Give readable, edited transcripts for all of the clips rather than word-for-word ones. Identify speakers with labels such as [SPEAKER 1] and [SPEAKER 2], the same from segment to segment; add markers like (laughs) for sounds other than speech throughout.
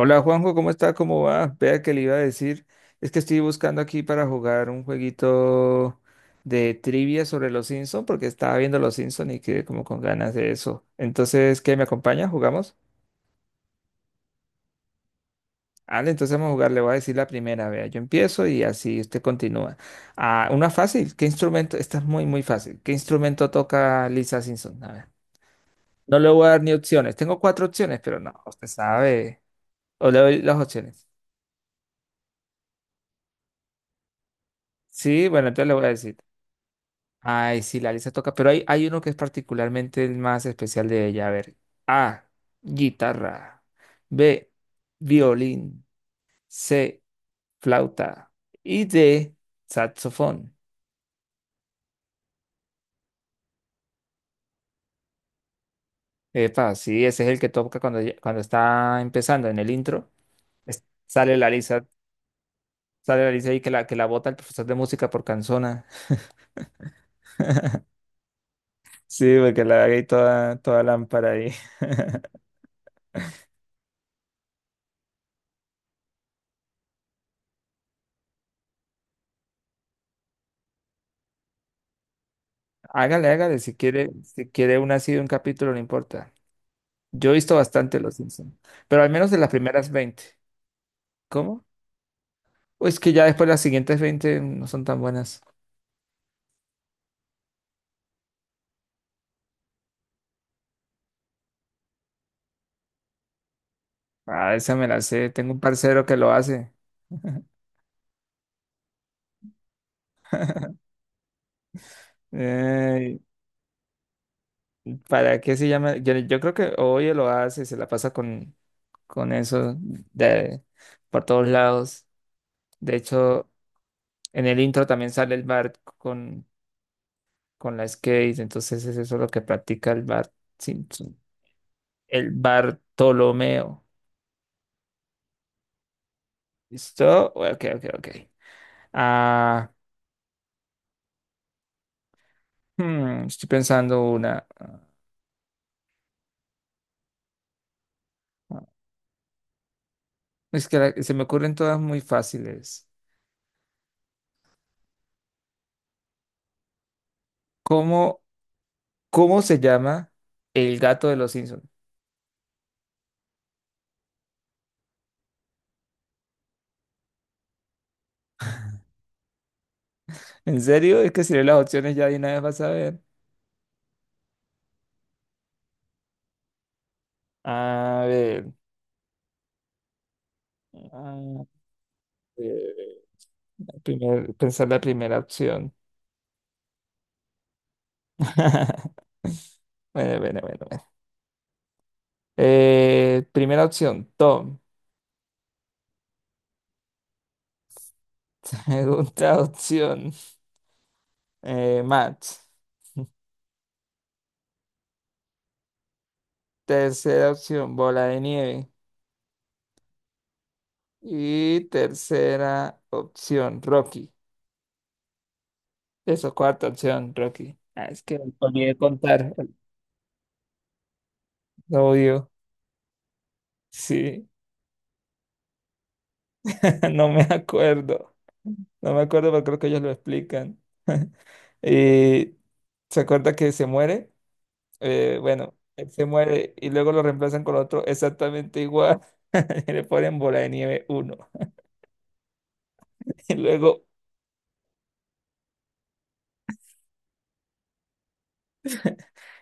[SPEAKER 1] Hola Juanjo, ¿cómo está? ¿Cómo va? Vea que le iba a decir, es que estoy buscando aquí para jugar un jueguito de trivia sobre los Simpson porque estaba viendo los Simpson y quedé como con ganas de eso. Entonces, ¿qué me acompaña? ¿Jugamos? Vale, entonces vamos a jugar, le voy a decir la primera, vea, yo empiezo y así usted continúa. Ah, una fácil, ¿qué instrumento? Esta es muy, muy fácil. ¿Qué instrumento toca Lisa Simpson? A ver, no le voy a dar ni opciones, tengo cuatro opciones, pero no, usted sabe. O le doy las opciones. Sí, bueno, entonces le voy a decir. Ay, sí, la lista toca, pero hay uno que es particularmente el más especial de ella. A ver, A, guitarra, B, violín, C, flauta y D, saxofón. Epa, sí, ese es el que toca cuando está empezando en el intro. Es- sale la lista, sale la lista ahí que la bota el profesor de música por canzona. (laughs) Sí, porque la haga ahí toda, toda lámpara ahí. Hágale, hágale, si quiere una así de un capítulo, no importa. Yo he visto bastante Los Simpsons, pero al menos de las primeras 20. ¿Cómo? O es que ya después las siguientes 20 no son tan buenas. Ah, esa me la sé. Tengo un parcero que lo hace. (laughs) Ey, ¿para qué se llama? Yo creo que hoy lo hace, se la pasa con eso de, por todos lados. De hecho, en el intro también sale el Bart con la skate, entonces es eso lo que practica el Bart Simpson. El Bartolomeo. ¿Listo? Ok, ok, ok. Ah, Estoy pensando una. Ah, Es que se me ocurren todas muy fáciles. ¿Cómo, cómo se llama el gato de los Simpsons? ¿En serio? Es que si lees las opciones ya de una vez vas a ver. A ver. A ver, pensar la primera opción. (laughs) Bueno, bueno, bueno, bueno. Primera opción, Tom. (laughs) Segunda opción, Matt. Tercera opción, bola de nieve. Y tercera opción, Rocky. Eso, cuarta opción, Rocky. Ah, es que me olvidé contar, lo odio. Sí, (laughs) no me acuerdo. No me acuerdo, pero creo que ellos lo explican. (laughs) Y se acuerda que se muere. Bueno, él se muere y luego lo reemplazan con otro exactamente igual. (laughs) Y le ponen bola de nieve uno. (laughs) Y luego,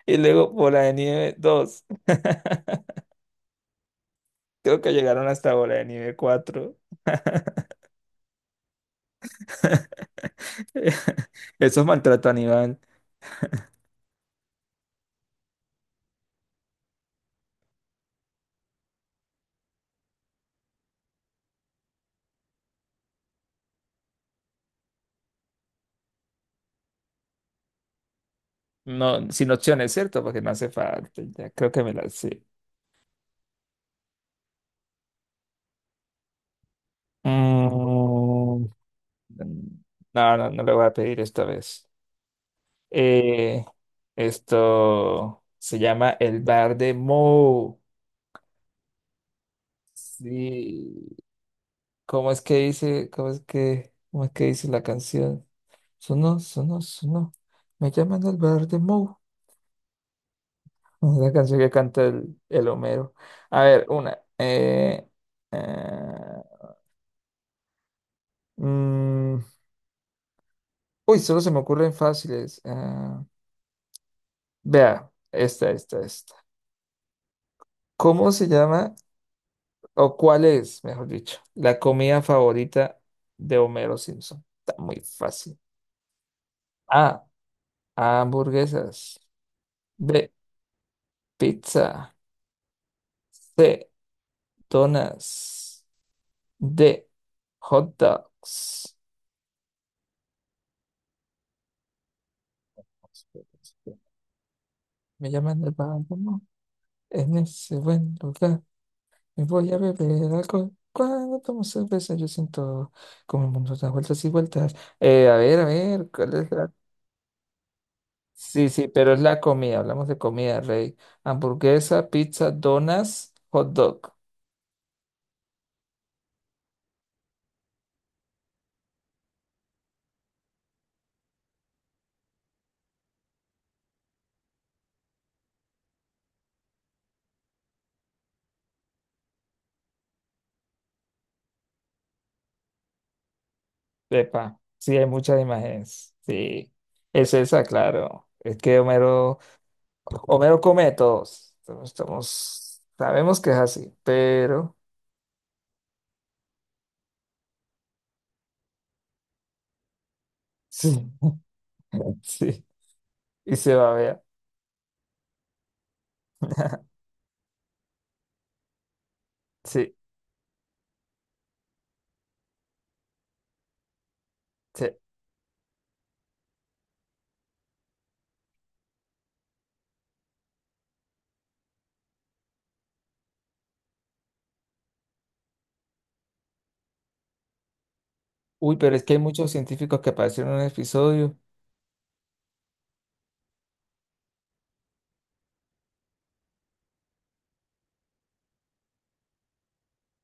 [SPEAKER 1] y luego bola de nieve dos. Creo que llegaron hasta bola de nieve cuatro. (laughs) (laughs) Eso es maltrato animal. No, sin opciones, ¿cierto? Porque no hace falta. Ya creo que me la sé. Mm, no, no, no le voy a pedir esta vez. Eh, Esto se llama el bar de Mo. Sí. ¿Cómo es que dice? ¿Cómo es que dice la canción? Sonó, sonó, sonó. Me llaman el bar de Mo. (laughs) Es la canción que canta el Homero. A ver, una. Eh, Mm, Uy, solo se me ocurren fáciles. Vea, esta, esta, esta. ¿Cómo se llama o cuál es, mejor dicho, la comida favorita de Homero Simpson? Está muy fácil. A, hamburguesas. B, pizza. C, donas. D, hot dogs. Me llaman el vagabundo en ese buen lugar. Voy a beber alcohol. Cuando tomo cerveza, yo siento como el mundo da vueltas y vueltas. A ver, a ver, ¿cuál es la? Sí, sí, pero es la comida. Hablamos de comida, rey. Hamburguesa, pizza, donas, hot dog. Epa, sí, hay muchas imágenes. Sí, es esa, claro. Es que Homero come de todos. Sabemos que es así, pero sí, (laughs) sí, y se va a ver. (laughs) Sí, sí. Uy, pero es que hay muchos científicos que aparecieron en un episodio.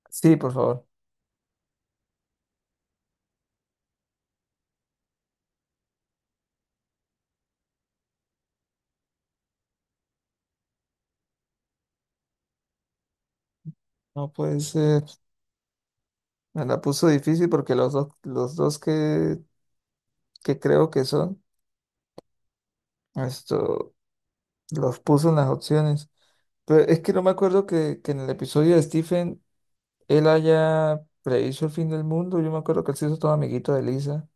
[SPEAKER 1] Sí, por favor. No puede ser. Me la puso difícil porque los dos que creo que son, esto, los puso en las opciones. Pero es que no me acuerdo que en el episodio de Stephen él haya predicho el fin del mundo. Yo me acuerdo que él se hizo todo amiguito de Lisa.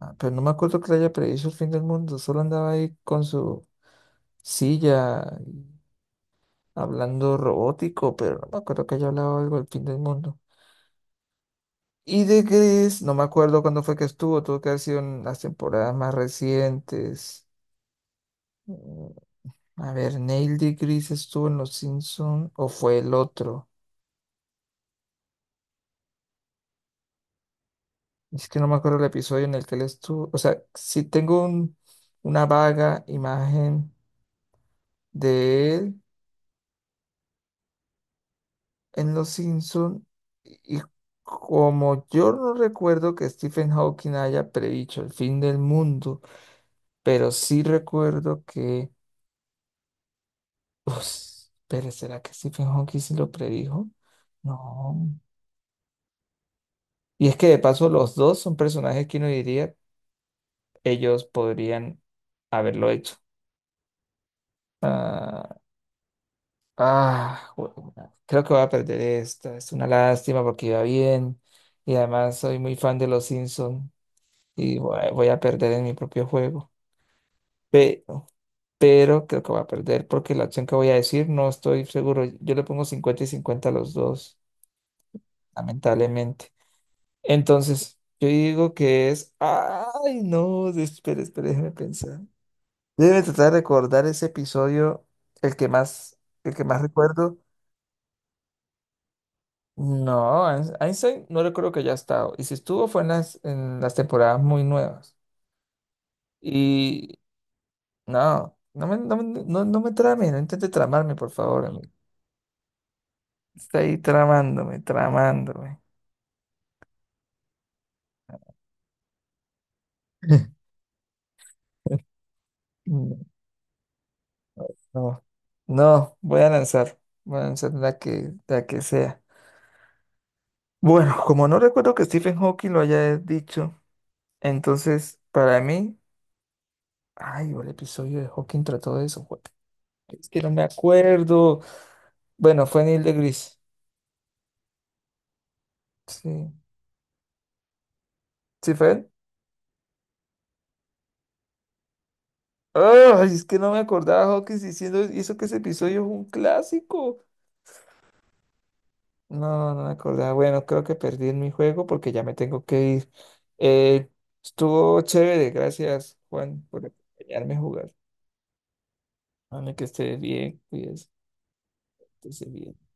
[SPEAKER 1] Pero no me acuerdo que le haya predicho el fin del mundo. Solo andaba ahí con su silla hablando robótico, pero no me acuerdo que haya hablado algo del fin del mundo. Y de Gris, no me acuerdo cuándo fue que estuvo, tuvo que haber sido en las temporadas más recientes. Mm, A ver, Neil de Gris estuvo en Los Simpsons o fue el otro. Es que no me acuerdo el episodio en el que él estuvo. O sea, si tengo una vaga imagen de él en Los Simpsons y como yo no recuerdo que Stephen Hawking haya predicho el fin del mundo, pero sí recuerdo que. Ups, pero ¿será que Stephen Hawking sí lo predijo? No. Y es que de paso los dos son personajes que uno diría ellos podrían haberlo hecho. Ah, ah, jue- Creo que voy a perder esta. Es una lástima porque iba bien. Y además soy muy fan de los Simpsons y voy a perder en mi propio juego. Pero, pero creo que voy a perder porque la opción que voy a decir no estoy seguro. Yo le pongo 50 y 50 a los dos, lamentablemente. Entonces, yo digo que es. Ay, no, espera, espera, déjame pensar. Yo debe tratar de recordar ese episodio, el que más, el que más recuerdo. No, Einstein no recuerdo que haya estado. Y si estuvo fue en las temporadas muy nuevas. Y no me trame, no intente tramarme, por favor, amigo. Está ahí tramándome, tramándome. (laughs) No, no, voy a lanzar. Voy a lanzar la que sea. Bueno, como no recuerdo que Stephen Hawking lo haya dicho, entonces para mí, ay, el episodio de Hawking trató de eso. Es que no me acuerdo. Bueno, fue Neil deGrasse. Sí, sí fue él. Ay, es que no me acordaba Hawking diciendo hizo que ese episodio es un clásico. No, no me acordaba. Bueno, creo que perdí en mi juego porque ya me tengo que ir. Eh, Estuvo chévere, gracias Juan por acompañarme a jugar. Dame que esté bien, cuídese, que esté bien.